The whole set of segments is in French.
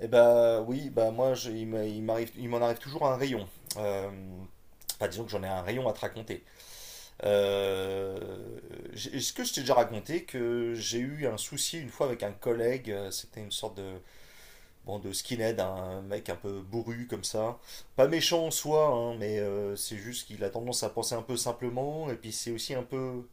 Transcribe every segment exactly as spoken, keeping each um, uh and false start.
Eh ben oui, bah moi je- il m'a- il m'arrive, il m'en arrive toujours un rayon. Euh, enfin disons que j'en ai un rayon à te raconter. Euh, j'ai- Est-ce que je t'ai déjà raconté que j'ai eu un souci une fois avec un collègue, euh, c'était une sorte de bon de skinhead, hein, un mec un peu bourru comme ça. Pas méchant en soi, hein, mais euh, c'est juste qu'il a tendance à penser un peu simplement et puis c'est aussi un peu.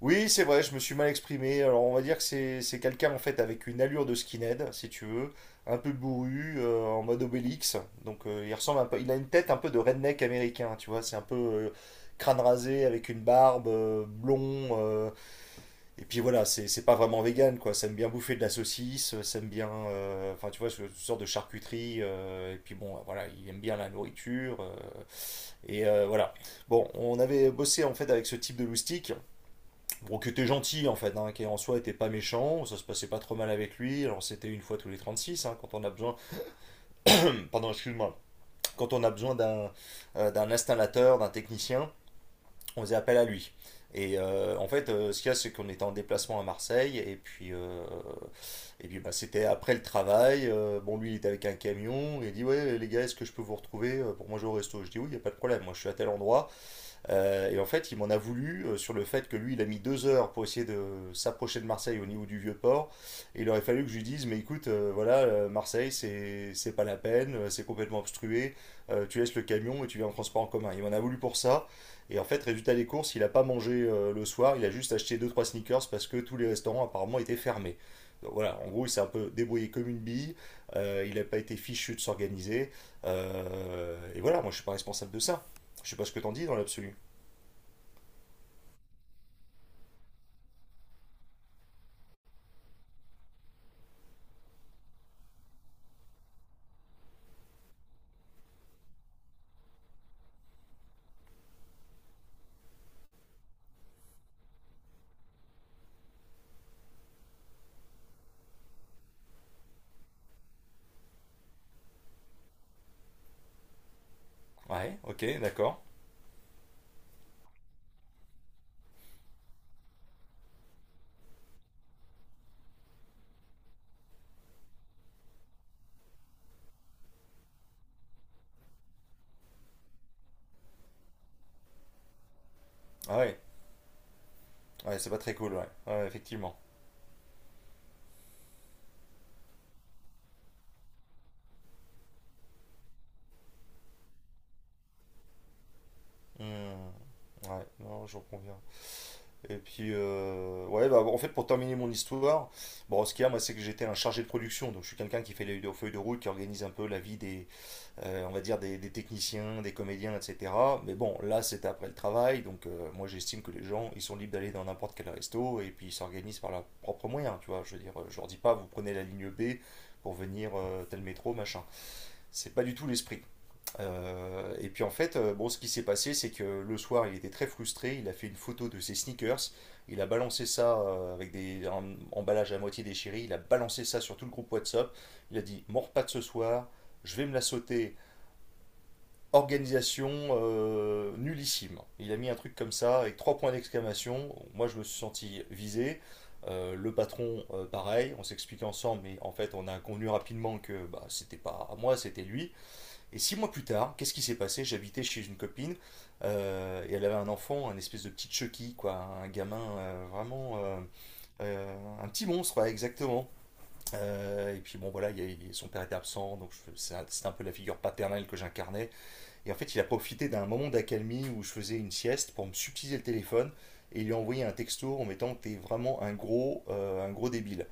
Oui, c'est vrai, je me suis mal exprimé. Alors, on va dire que c'est c'est quelqu'un en fait avec une allure de skinhead, si tu veux, un peu bourru, euh, en mode Obélix. Donc, euh, il ressemble un peu, il a une tête un peu de redneck américain, tu vois. C'est un peu euh, crâne rasé avec une barbe, euh, blond. euh, et puis voilà, c'est c'est pas vraiment vegan, quoi. Ça aime bien bouffer de la saucisse, euh, ça aime bien, euh, enfin, tu vois, ce, ce genre de charcuterie. euh, et puis bon, voilà, il aime bien la nourriture. euh, et euh, voilà. Bon, on avait bossé en fait avec ce type de loustic. Bon, qui était gentil en fait, hein, qui en soi était pas méchant, ça se passait pas trop mal avec lui. Alors c'était une fois tous les trente-six, hein, quand on a besoin, pardon, excuse-moi, quand on a besoin d'un euh, d'un installateur, d'un technicien, on faisait appel à lui. Et euh, en fait, euh, ce qu'il y a, c'est qu'on était en déplacement à Marseille, et puis, euh, et puis bah, c'était après le travail. euh, bon, lui, il était avec un camion, il dit : « Ouais, les gars, est-ce que je peux vous retrouver euh, pour manger au resto ? » Je dis : « Oui, il n'y a pas de problème, moi je suis à tel endroit. » euh, et en fait, il m'en a voulu euh, sur le fait que lui, il a mis deux heures pour essayer de s'approcher de Marseille au niveau du Vieux-Port. Et il aurait fallu que je lui dise : « Mais écoute, euh, voilà, euh, Marseille, c'est c'est pas la peine, euh, c'est complètement obstrué, euh, tu laisses le camion et tu viens en transport en commun. » Il m'en a voulu pour ça. Et en fait, résultat des courses, il a pas mangé euh, le soir, il a juste acheté deux trois sneakers parce que tous les restaurants apparemment étaient fermés. Donc voilà, en gros, il s'est un peu débrouillé comme une bille, euh, il n'a pas été fichu de s'organiser. euh, et voilà, moi, je ne suis pas responsable de ça. Je ne sais pas ce que t'en dis dans l'absolu. Ouais, ok, d'accord. Ah ouais, ouais, c'est pas très cool, ouais. Ouais, effectivement. Hmm. Ouais, non, j'en conviens. Et puis, euh, ouais, bah, en fait, pour terminer mon histoire, bon, ce qu'il y a, moi, c'est que j'étais un chargé de production. Donc, je suis quelqu'un qui fait les feuilles de route, qui organise un peu la vie des, euh, on va dire, des, des techniciens, des comédiens, et cætera. Mais bon, là, c'était après le travail. Donc, euh, moi, j'estime que les gens, ils sont libres d'aller dans n'importe quel resto et puis ils s'organisent par leurs propres moyens, tu vois. Je veux dire, euh, je leur dis pas : « Vous prenez la ligne B pour venir euh, tel métro, machin. » C'est pas du tout l'esprit. Euh, et puis en fait, euh, bon, ce qui s'est passé, c'est que le soir, il était très frustré. Il a fait une photo de ses sneakers. Il a balancé ça euh, avec des, un emballage à moitié déchiré. Il a balancé ça sur tout le groupe WhatsApp. Il a dit : « Mon repas de ce soir, je vais me la sauter. Organisation euh, nullissime. » Il a mis un truc comme ça avec trois points d'exclamation. Moi, je me suis senti visé. Euh, le patron, euh, pareil, on s'explique ensemble, mais en fait, on a convenu rapidement que bah, c'était pas à moi, c'était lui. Et six mois plus tard, qu'est-ce qui s'est passé? J'habitais chez une copine euh, et elle avait un enfant, un espèce de petit Chucky, quoi, un gamin euh, vraiment euh, euh, un petit monstre, ouais, exactement. Euh, et puis bon voilà, il y a- il- son père était absent, donc je- c'est un- c'était un peu la figure paternelle que j'incarnais. Et en fait, il a profité d'un moment d'accalmie où je faisais une sieste pour me subtiliser le téléphone et il lui a envoyé un texto en mettant que t'es vraiment un gros, euh, un gros débile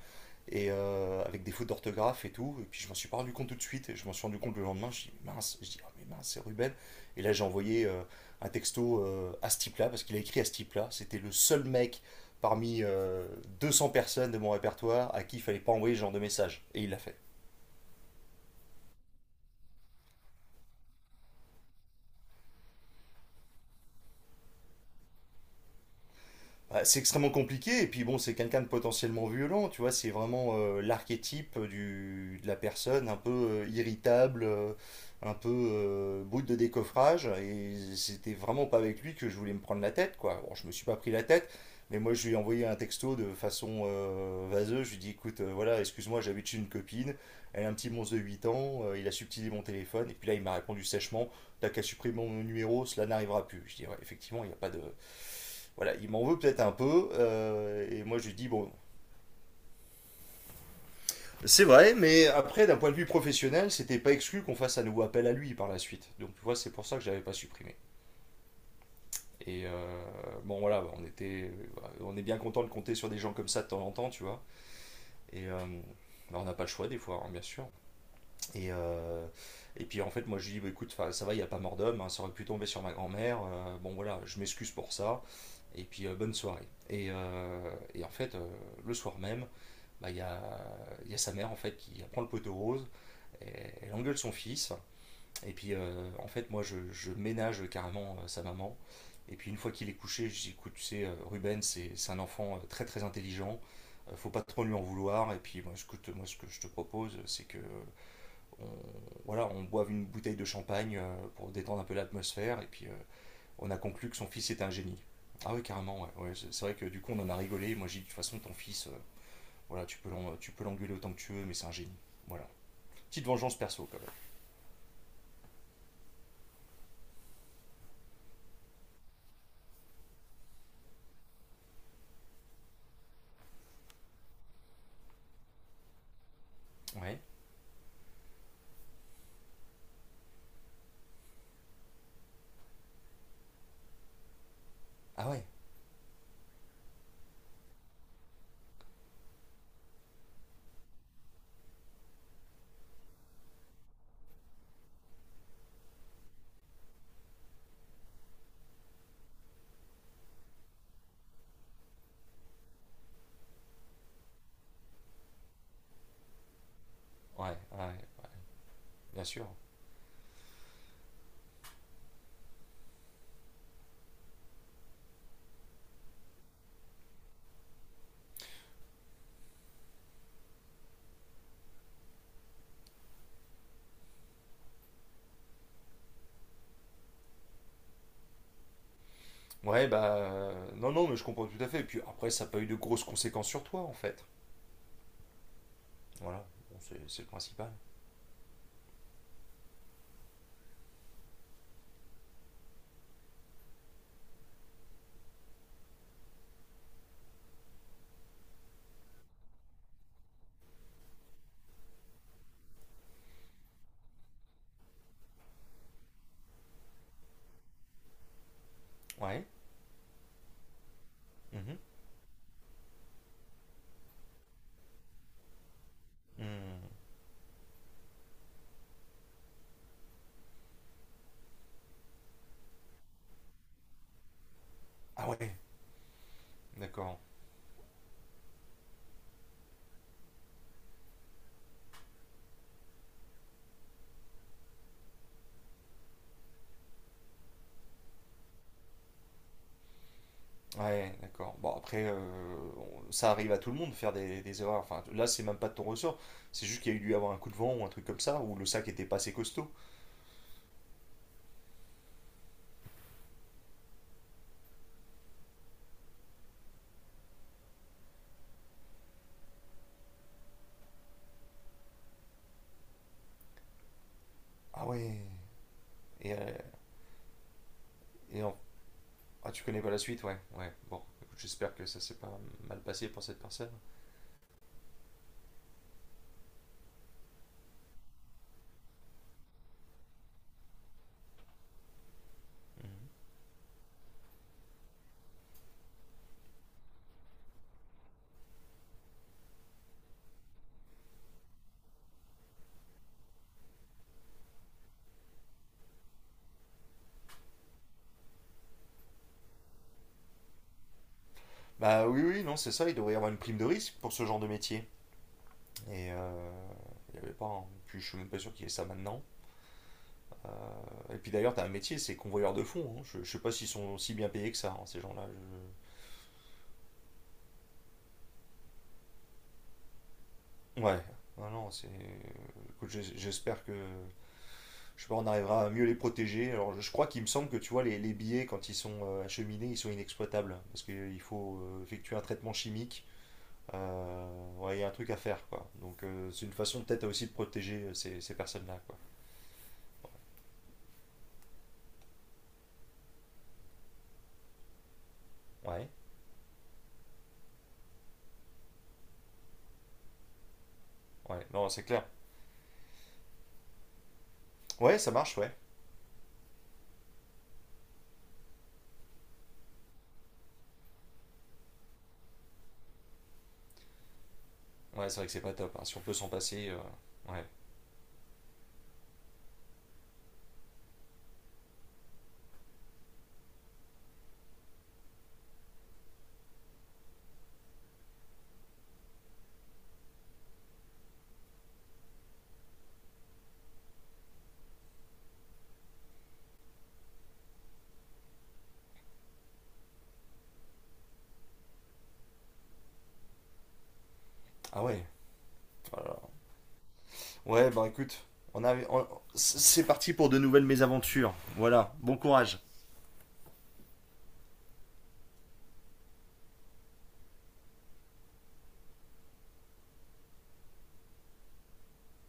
et euh, avec des fautes d'orthographe et tout. Et puis je m'en suis pas rendu compte tout de suite. Et je m'en suis rendu compte le lendemain. Je dis mince, je dis : « Ah, mais mince, c'est Ruben. » Et là j'ai envoyé euh, un texto euh, à ce type-là parce qu'il a écrit à ce type-là. C'était le seul mec parmi euh, deux cents personnes de mon répertoire à qui il fallait pas envoyer ce genre de message. Et il l'a fait. Bah, c'est extrêmement compliqué, et puis bon, c'est quelqu'un de potentiellement violent, tu vois, c'est vraiment euh, l'archétype du, de la personne un peu euh, irritable, euh, un peu euh, bout de décoffrage, et c'était vraiment pas avec lui que je voulais me prendre la tête, quoi. Bon, je me suis pas pris la tête, mais moi je lui ai envoyé un texto de façon euh, vaseuse, je lui ai dit : « Écoute, euh, voilà, excuse-moi, j'habite chez une copine, elle a un petit monstre de huit ans, euh, il a subtilé mon téléphone. » Et puis là il m'a répondu sèchement : « T'as qu'à supprimer mon numéro, cela n'arrivera plus. » Je dis : « Ouais, effectivement, il n'y a pas de, voilà, il m'en veut peut-être un peu. » euh, et moi, je lui dis, bon, c'est vrai, mais après, d'un point de vue professionnel, c'était pas exclu qu'on fasse un nouveau appel à lui par la suite. Donc, tu vois, c'est pour ça que j'avais pas supprimé. Et euh, bon, voilà, on était, on est bien content de compter sur des gens comme ça de temps en temps, tu vois. Et euh, bah, on n'a pas le choix des fois, hein, bien sûr. Et, euh, et puis en fait, moi, je lui dis : « Bah, écoute, 'fin, ça va, il n'y a pas mort d'homme, hein, ça aurait pu tomber sur ma grand-mère. euh, bon, voilà, je m'excuse pour ça. Et puis, euh, bonne soirée. » Et, euh, et en fait, euh, le soir même, bah, il y, a, y a sa mère en fait qui prend le poteau rose, et elle engueule son fils, et puis euh, en fait moi je, je ménage carrément euh, sa maman, et puis une fois qu'il est couché, je dis : « Écoute tu sais euh, Ruben c'est c'est un enfant euh, très très intelligent, euh, faut pas trop lui en vouloir, et puis moi écoute moi ce que je te propose c'est que on, voilà on boive une bouteille de champagne euh, pour détendre un peu l'atmosphère. » Et puis euh, on a conclu que son fils était un génie. Ah oui carrément ouais, ouais, c'est c'est vrai que du coup on en a rigolé, moi j'ai dit de toute façon ton fils euh, voilà, tu peux tu peux l'engueuler autant que tu veux, mais c'est un génie. Voilà. Petite vengeance perso quand même. Ouais. Ah ouais. Ouais, ouais, bien sûr. Ouais, bah euh, non, non, mais je comprends tout à fait. Et puis après, ça n'a pas eu de grosses conséquences sur toi, en fait. Voilà. Bon, c'est c'est le principal. Ouais. Mhm. Hmm. Ah ouais, d'accord. Ouais, d'accord. Bon, après, euh, on- ça arrive à tout le monde de faire des, des erreurs. Enfin, là, c'est même pas de ton ressort. C'est juste qu'il y a eu dû avoir un coup de vent ou un truc comme ça, ou le sac était pas assez costaud. Ah ouais. Et, euh, et en Ah, tu connais pas la suite, ouais. Ouais, bon. Écoute, j'espère que ça s'est pas mal passé pour cette personne. Mhm. Bah oui, oui, non, c'est ça. Il devrait y avoir une prime de risque pour ce genre de métier. Et euh, il n'y avait pas. Hein. Puis je suis même pas sûr qu'il y ait ça maintenant. Euh, Et puis d'ailleurs, t'as un métier, c'est convoyeur de fonds. Hein. Je, je sais pas s'ils sont si bien payés que ça, hein, ces gens-là. Je. Ouais. Non, non, c'est. Écoute, j'es- j'espère que. Je sais pas, on arrivera à mieux les protéger. Alors, je je crois qu'il me semble que tu vois, les, les billets, quand ils sont euh, acheminés, ils sont inexploitables. Parce qu'il faut euh, effectuer un traitement chimique. Euh, ouais, il y a un truc à faire, quoi. Donc, euh, c'est une façon peut-être aussi de protéger euh, ces, ces personnes-là, quoi. Ouais, ouais, non, c'est clair. Ouais, ça marche, ouais. Ouais, c'est vrai que c'est pas top. Hein. Si on peut s'en passer, euh, ouais. Ah ouais. Voilà. Ouais, bah écoute, on a, on- c'est parti pour de nouvelles mésaventures. Voilà, bon courage.